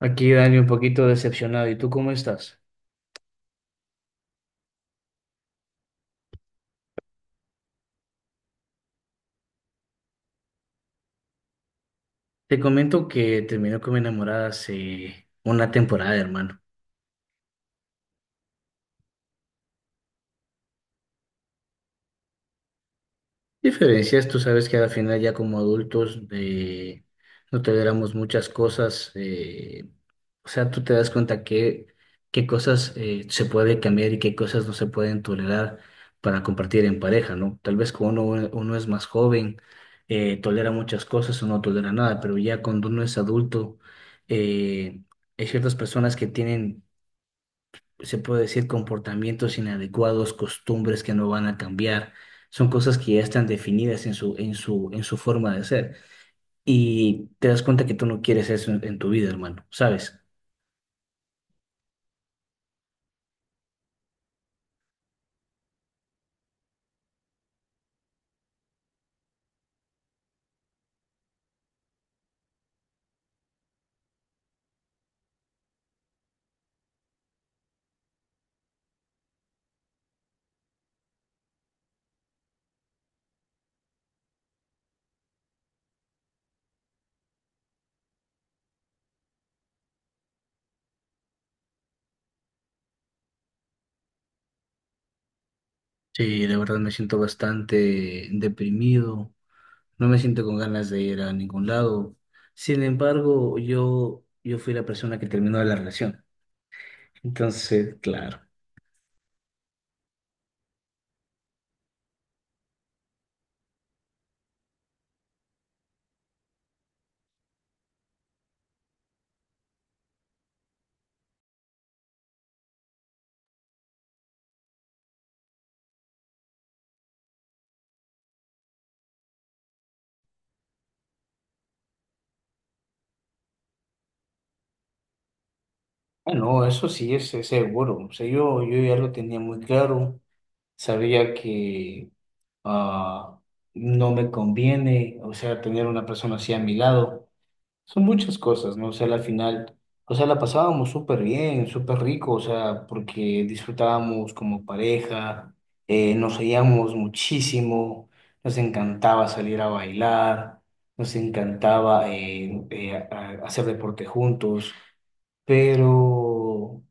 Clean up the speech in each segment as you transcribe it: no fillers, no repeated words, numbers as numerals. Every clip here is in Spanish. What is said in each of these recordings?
Aquí, Dani, un poquito decepcionado. ¿Y tú cómo estás? Te comento que terminé con mi enamorada hace una temporada, hermano. Diferencias, tú sabes que al final ya como adultos no toleramos muchas cosas, o sea, tú te das cuenta que qué cosas se puede cambiar y qué cosas no se pueden tolerar para compartir en pareja, ¿no? Tal vez cuando uno es más joven tolera muchas cosas o no tolera nada, pero ya cuando uno es adulto eh, hay ciertas personas que tienen, se puede decir, comportamientos inadecuados, costumbres que no van a cambiar. Son cosas que ya están definidas en su forma de ser. Y te das cuenta que tú no quieres eso en tu vida, hermano, ¿sabes? Sí, la verdad me siento bastante deprimido. No me siento con ganas de ir a ningún lado. Sin embargo, yo fui la persona que terminó la relación. Entonces, claro. Ah, no, eso sí es seguro. O sea, yo ya lo tenía muy claro. Sabía que ah, no me conviene, o sea, tener una persona así a mi lado. Son muchas cosas, ¿no? O sea, al final, o sea, la pasábamos súper bien, súper rico, o sea, porque disfrutábamos como pareja, nos oíamos muchísimo, nos encantaba salir a bailar, nos encantaba hacer deporte juntos, pero...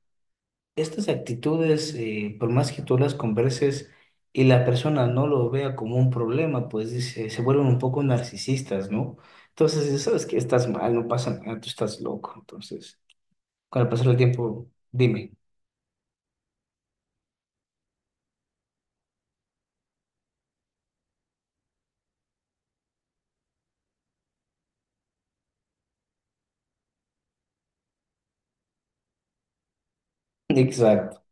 Estas actitudes, por más que tú las converses y la persona no lo vea como un problema, pues dice, se vuelven un poco narcisistas, ¿no? Entonces, dices, sabes que estás mal, no pasa nada, tú estás loco. Entonces, con el pasar del tiempo, dime. Exacto,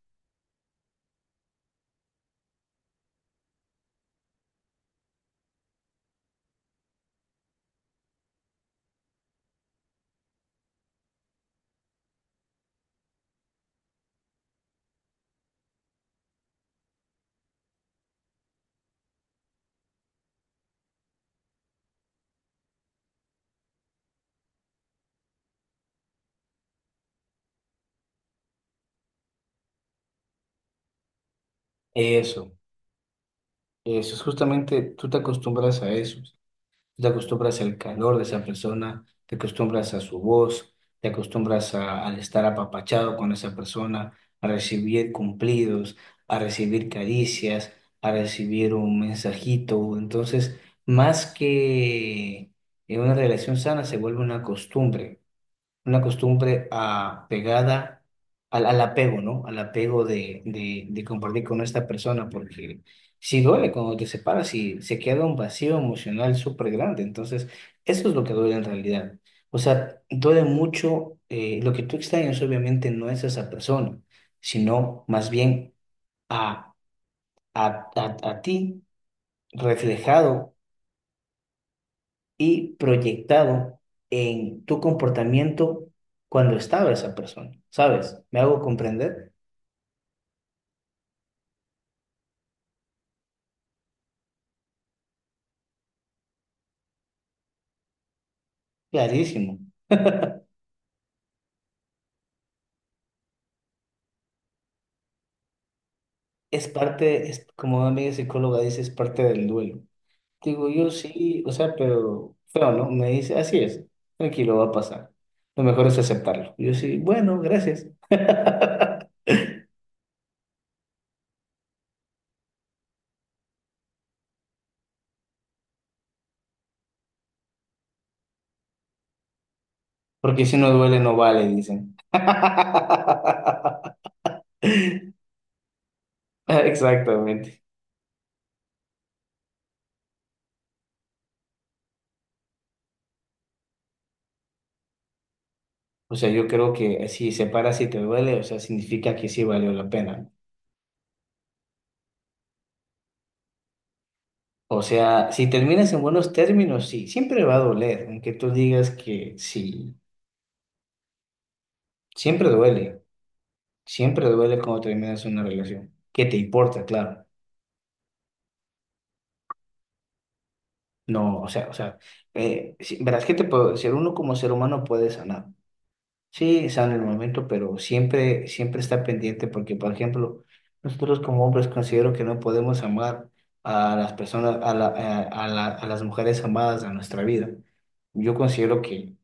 eso, eso es justamente, tú te acostumbras a eso. Te acostumbras al calor de esa persona, te acostumbras a su voz, te acostumbras al estar apapachado con esa persona, a recibir cumplidos, a recibir caricias, a recibir un mensajito. Entonces, más que en una relación sana, se vuelve una costumbre, pegada al apego, ¿no? Al apego de compartir con esta persona, porque si duele cuando te separas y se queda un vacío emocional súper grande, entonces eso es lo que duele en realidad. O sea, duele mucho, lo que tú extrañas obviamente no es esa persona, sino más bien a, a, a ti reflejado y proyectado en tu comportamiento cuando estaba esa persona, ¿sabes? ¿Me hago comprender? Clarísimo. Es parte, como una amiga psicóloga dice, es parte del duelo. Digo, yo sí, o sea, pero feo, ¿no? Me dice, así es, tranquilo, va a pasar. Lo mejor es aceptarlo. Yo sí, bueno, gracias. Porque si no duele, no vale, dicen. Exactamente. O sea, yo creo que si se para, si te duele, o sea, significa que sí valió la pena. O sea, si terminas en buenos términos, sí, siempre va a doler, aunque tú digas que sí, siempre duele, siempre duele cuando terminas una relación. ¿Qué te importa? Claro. No, o sea, sí, verás que te puedo decir, uno como ser humano puede sanar. Sí, sale el momento, pero siempre, siempre está pendiente porque, por ejemplo, nosotros como hombres considero que no podemos amar a las personas, a las mujeres amadas a nuestra vida. Yo considero que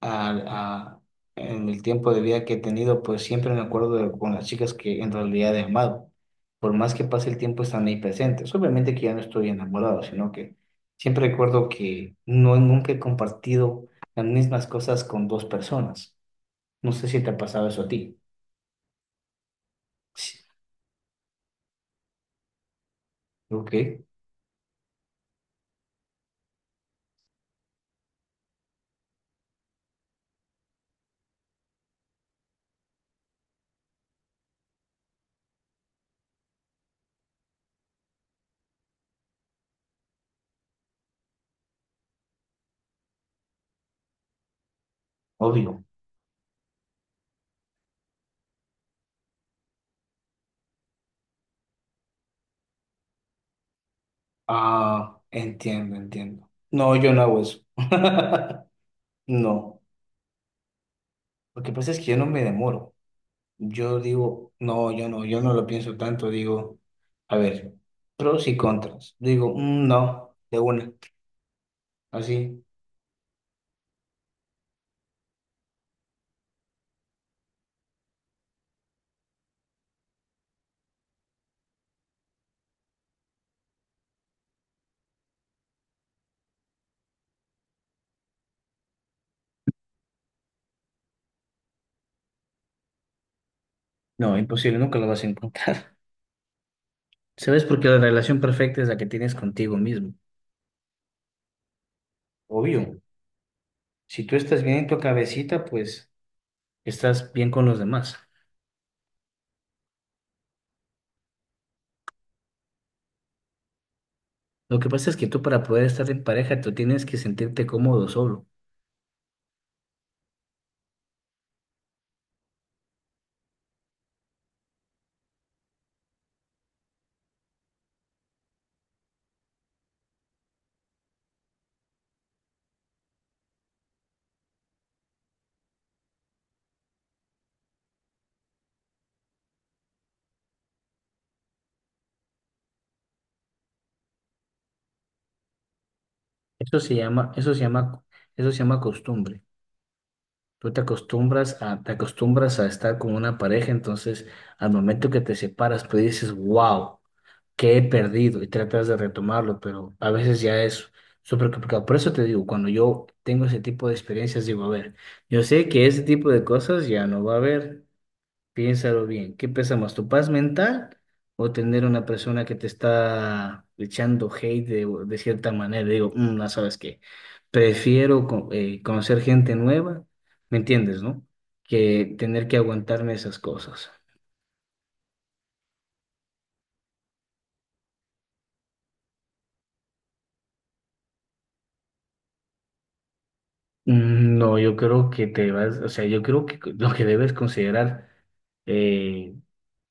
al- a- en el tiempo de vida que he tenido, pues siempre me acuerdo con las chicas que en realidad he amado. Por más que pase el tiempo, están ahí presentes. Obviamente que ya no estoy enamorado, sino que siempre recuerdo que no nunca he compartido las mismas cosas con dos personas. No sé si te ha pasado eso a ti. Sí. Ok, obvio. Ah, entiendo, entiendo. No, yo no hago eso. No. Lo que pasa es que yo no me demoro. Yo digo, no, yo no lo pienso tanto. Digo, a ver, pros y contras. Digo, no, de una. Así. No, imposible, nunca lo vas a encontrar. ¿Sabes? Porque la relación perfecta es la que tienes contigo mismo. Obvio. Si tú estás bien en tu cabecita, pues estás bien con los demás. Lo que pasa es que tú para poder estar en pareja, tú tienes que sentirte cómodo solo. Eso se llama, eso se llama, eso se llama costumbre. Tú te acostumbras a estar con una pareja, entonces al momento que te separas, tú dices, wow, ¿qué he perdido? Y tratas de retomarlo, pero a veces ya es súper complicado. Por eso te digo, cuando yo tengo ese tipo de experiencias, digo, a ver, yo sé que ese tipo de cosas ya no va a haber. Piénsalo bien, ¿qué pesa más, tu paz mental o tener una persona que te está echando hate de cierta manera? Digo, no sabes qué, prefiero conocer gente nueva, ¿me entiendes, no? Que tener que aguantarme esas cosas. No, yo creo que te vas, o sea, yo creo que lo que debes considerar eh,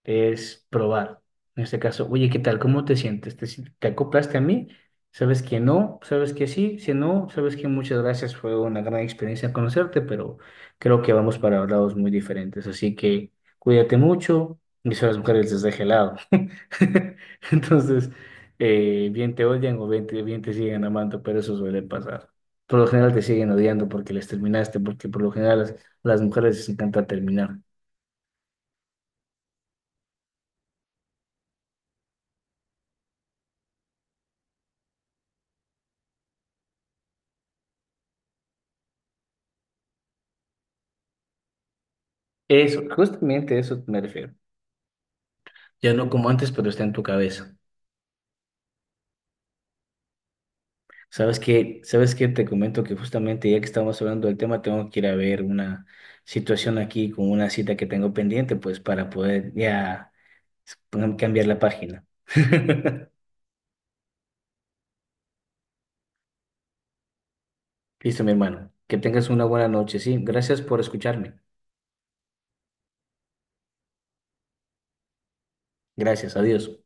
es probar. En este caso, oye, ¿qué tal? ¿Cómo te sientes? ¿Te, si- te acoplaste a mí? ¿Sabes que no? ¿Sabes que sí? Si no, sabes que muchas gracias. Fue una gran experiencia conocerte, pero creo que vamos para lados muy diferentes. Así que cuídate mucho. Y si las mujeres les deje helado. Entonces, bien te odian o bien te siguen amando, pero eso suele pasar. Por lo general te siguen odiando porque les terminaste, porque por lo general las mujeres les encanta terminar. Eso, justamente a eso me refiero. Ya no como antes, pero está en tu cabeza. ¿Sabes qué? ¿Sabes qué? Te comento que justamente ya que estamos hablando del tema, tengo que ir a ver una situación aquí con una cita que tengo pendiente, pues para poder ya cambiar la página. Listo, mi hermano. Que tengas una buena noche, ¿sí? Gracias por escucharme. Gracias, adiós.